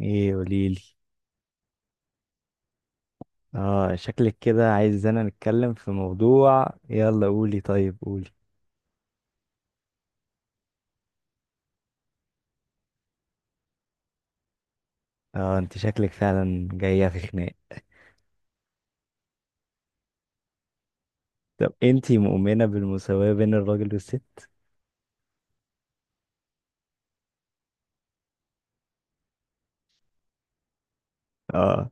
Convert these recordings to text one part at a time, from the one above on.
ايه، قوليلي. اه شكلك كده عايزانا نتكلم في موضوع، يلا قولي، طيب قولي. اه، انت شكلك فعلا جاية في خناق. طب انت مؤمنة بالمساواة بين الراجل والست؟ اه.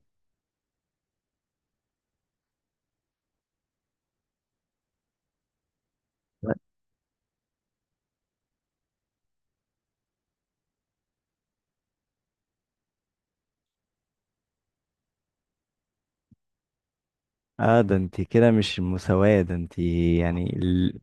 اه، ده انت كده مش المساواة، ده انت يعني ال...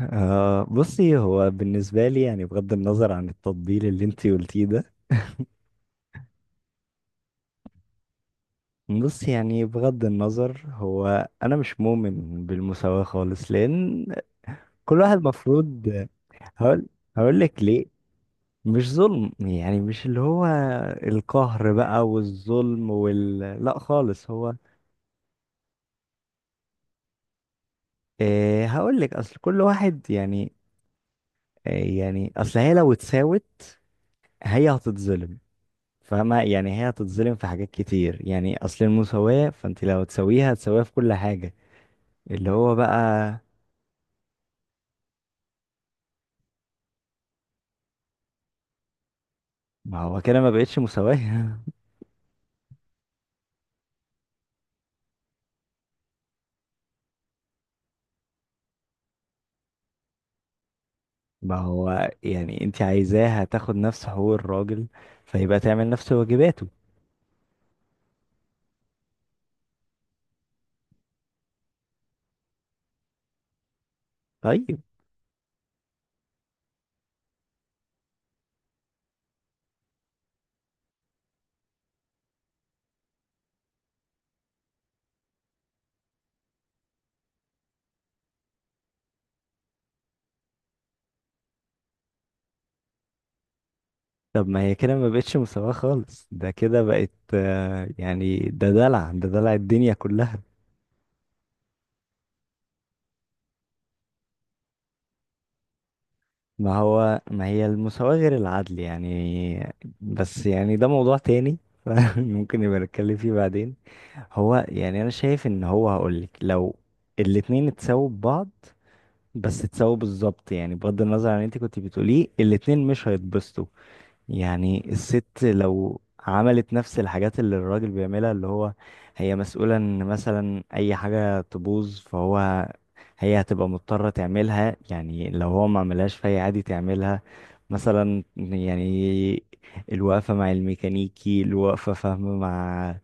آه، بصي، هو بالنسبة لي يعني بغض النظر عن التطبيل اللي انت قلتيه ده. بصي، يعني بغض النظر، هو انا مش مؤمن بالمساواة خالص، لان كل واحد مفروض. هقول هقول لك ليه. مش ظلم، يعني مش اللي هو القهر بقى والظلم، لا خالص، هو. إيه، هقول لك، اصل كل واحد يعني. إيه يعني، اصل هي لو اتساوت هي هتتظلم. فاهمة، يعني هي هتتظلم في حاجات كتير، يعني اصل المساواة، فانت لو تساويها هتساويها في كل حاجة اللي هو بقى. ما هو كده ما بقتش مساواة ما هو يعني انت عايزاها تاخد نفس حقوق الراجل، فيبقى تعمل نفس واجباته. طيب. طب ما هي كده ما بقتش مساواة خالص، ده كده بقت، يعني ده دلع، ده دلع الدنيا كلها. ما هو ما هي المساواة غير العدل يعني. بس يعني ده موضوع تاني ممكن نبقى نتكلم فيه بعدين. هو يعني انا شايف ان هو هقولك، لو الاتنين اتساووا ببعض، بس اتساووا بالظبط، يعني بغض النظر عن اللي انت كنت بتقوليه، الاتنين مش هيتبسطوا. يعني الست لو عملت نفس الحاجات اللي الراجل بيعملها، اللي هو هي مسؤولة ان مثلا اي حاجة تبوظ، فهو، هي هتبقى مضطرة تعملها، يعني لو هو ما عملهاش فهي عادي تعملها. مثلا يعني الوقفة مع الميكانيكي، الوقفة، فاهمة مع،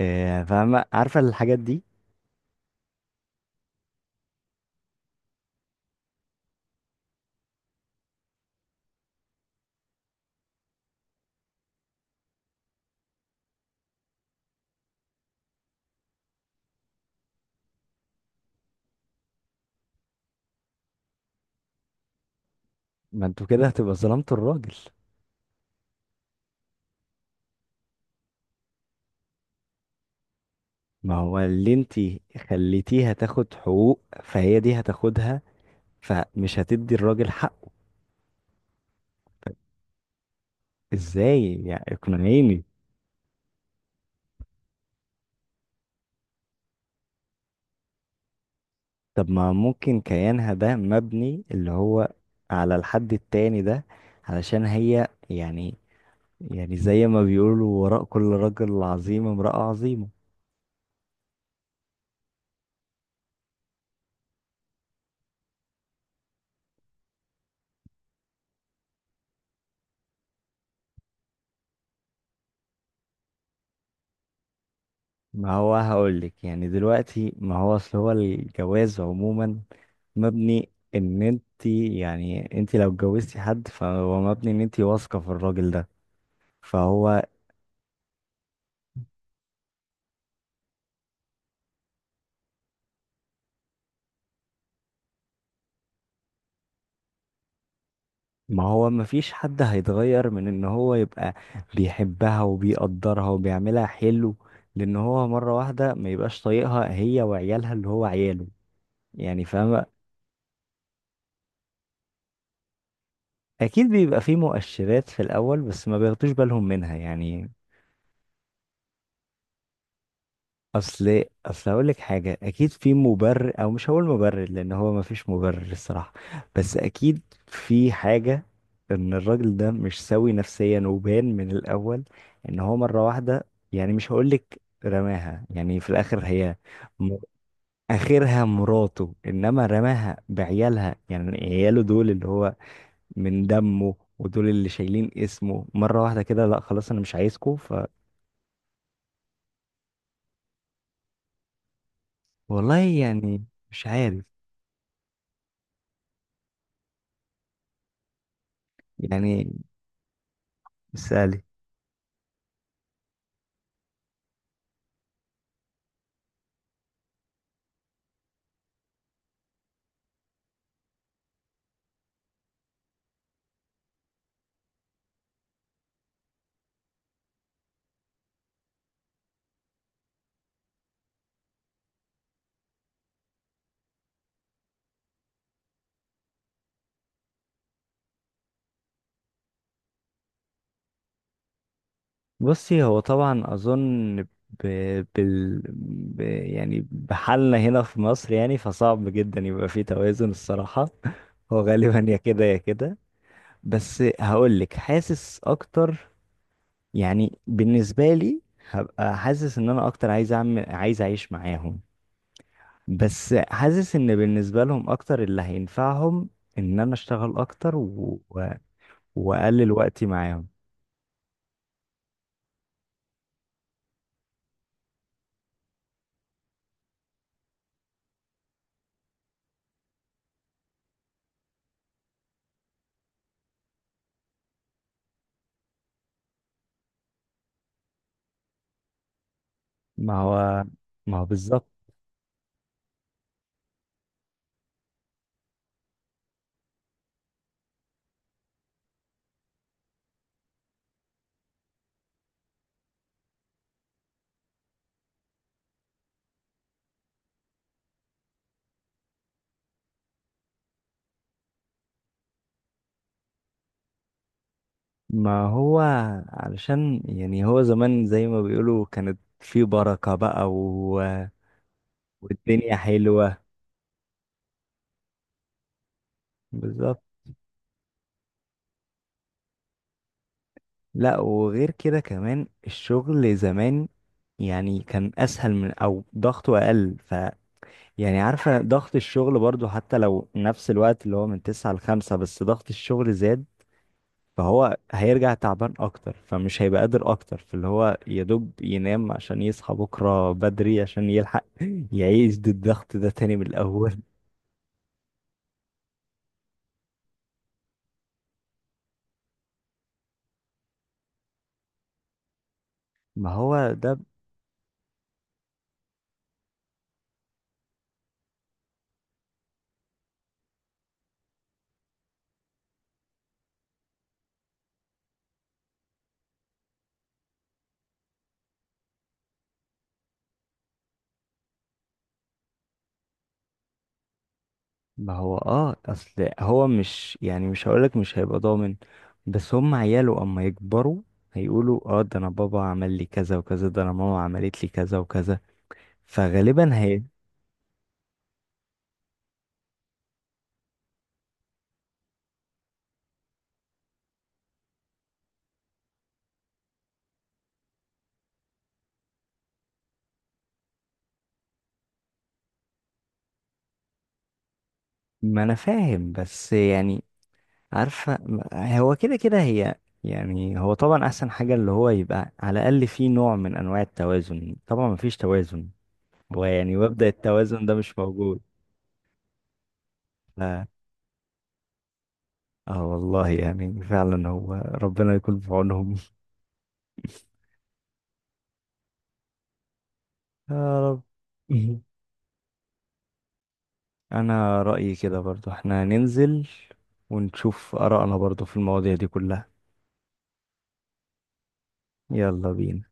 آه، فاهمة، عارفة الحاجات دي. ما انتوا كده هتبقى ظلمتوا الراجل. ما هو اللي انتي خليتيها تاخد حقوق، فهي دي هتاخدها، فمش هتدي الراجل حق. ازاي يعني؟ اقنعيني. طب ما ممكن كيانها ده مبني اللي هو على الحد التاني ده، علشان هي يعني زي ما بيقولوا وراء كل رجل عظيم امرأة عظيمة. ما هو هقولك، يعني دلوقتي، ما هو اصل هو الجواز عموما مبني ان انت، يعني انت لو اتجوزتي حد فهو مبني ان انت واثقة في الراجل ده، فهو. ما هو مفيش حد هيتغير من ان هو يبقى بيحبها وبيقدرها وبيعملها حلو، لان هو مرة واحدة ما يبقاش طايقها هي وعيالها اللي هو عياله، يعني فاهمة. اكيد بيبقى في مؤشرات في الاول، بس ما بياخدوش بالهم منها يعني. اصل اقول لك حاجه، اكيد في مبرر، او مش هقول مبرر لان هو ما فيش مبرر الصراحه، بس اكيد في حاجه ان الراجل ده مش سوي نفسيا، وبان من الاول ان هو مره واحده، يعني مش هقول لك رماها يعني في الاخر هي م- اخرها مراته، انما رماها بعيالها، يعني عياله دول اللي هو من دمه ودول اللي شايلين اسمه، مره واحده كده لا خلاص انا مش عايزكم. والله يعني. مش عارف. يعني اسألي. بصي، هو طبعا اظن بال... يعني بحالنا هنا في مصر يعني، فصعب جدا يبقى فيه توازن الصراحة هو غالبا يا كده يا كده. بس هقولك حاسس اكتر، يعني بالنسبة لي، هبقى حاسس ان انا اكتر عايز اعمل عايز اعيش معاهم، بس حاسس ان بالنسبة لهم اكتر اللي هينفعهم ان انا اشتغل اكتر واقلل وقتي معاهم. ما هو. ما هو بالظبط. ما هو علشان يعني هو زمان زي ما بيقولوا كانت في بركة بقى. والدنيا حلوة. بالظبط. لا، وغير كده كمان الشغل زمان، يعني كان أسهل أو ضغطه أقل، يعني عارفة ضغط الشغل برضو حتى لو نفس الوقت اللي هو من 9 لـ 5، بس ضغط الشغل زاد. فهو هيرجع تعبان اكتر، فمش هيبقى قادر اكتر، فاللي هو يا دوب ينام عشان يصحى بكره بدري عشان يلحق يعيش ضد الضغط ده تاني من الاول. ما هو ده. ما هو اصل هو مش يعني مش هقولك مش هيبقى ضامن، بس هم عياله اما يكبروا هيقولوا اه ده انا بابا عمل لي كذا وكذا، ده انا ماما عملت لي كذا وكذا، فغالبا هي. ما انا فاهم، بس يعني عارفة هو كده كده هي، يعني هو طبعا أحسن حاجة اللي هو يبقى على الأقل في نوع من أنواع التوازن، طبعا مفيش توازن، هو يعني مبدأ التوازن ده مش موجود ف... اه والله يعني فعلا هو ربنا يكون في عونهم يا رب. أنا رأيي كده برضو احنا ننزل ونشوف آرائنا برضو في المواضيع دي كلها. يلا بينا.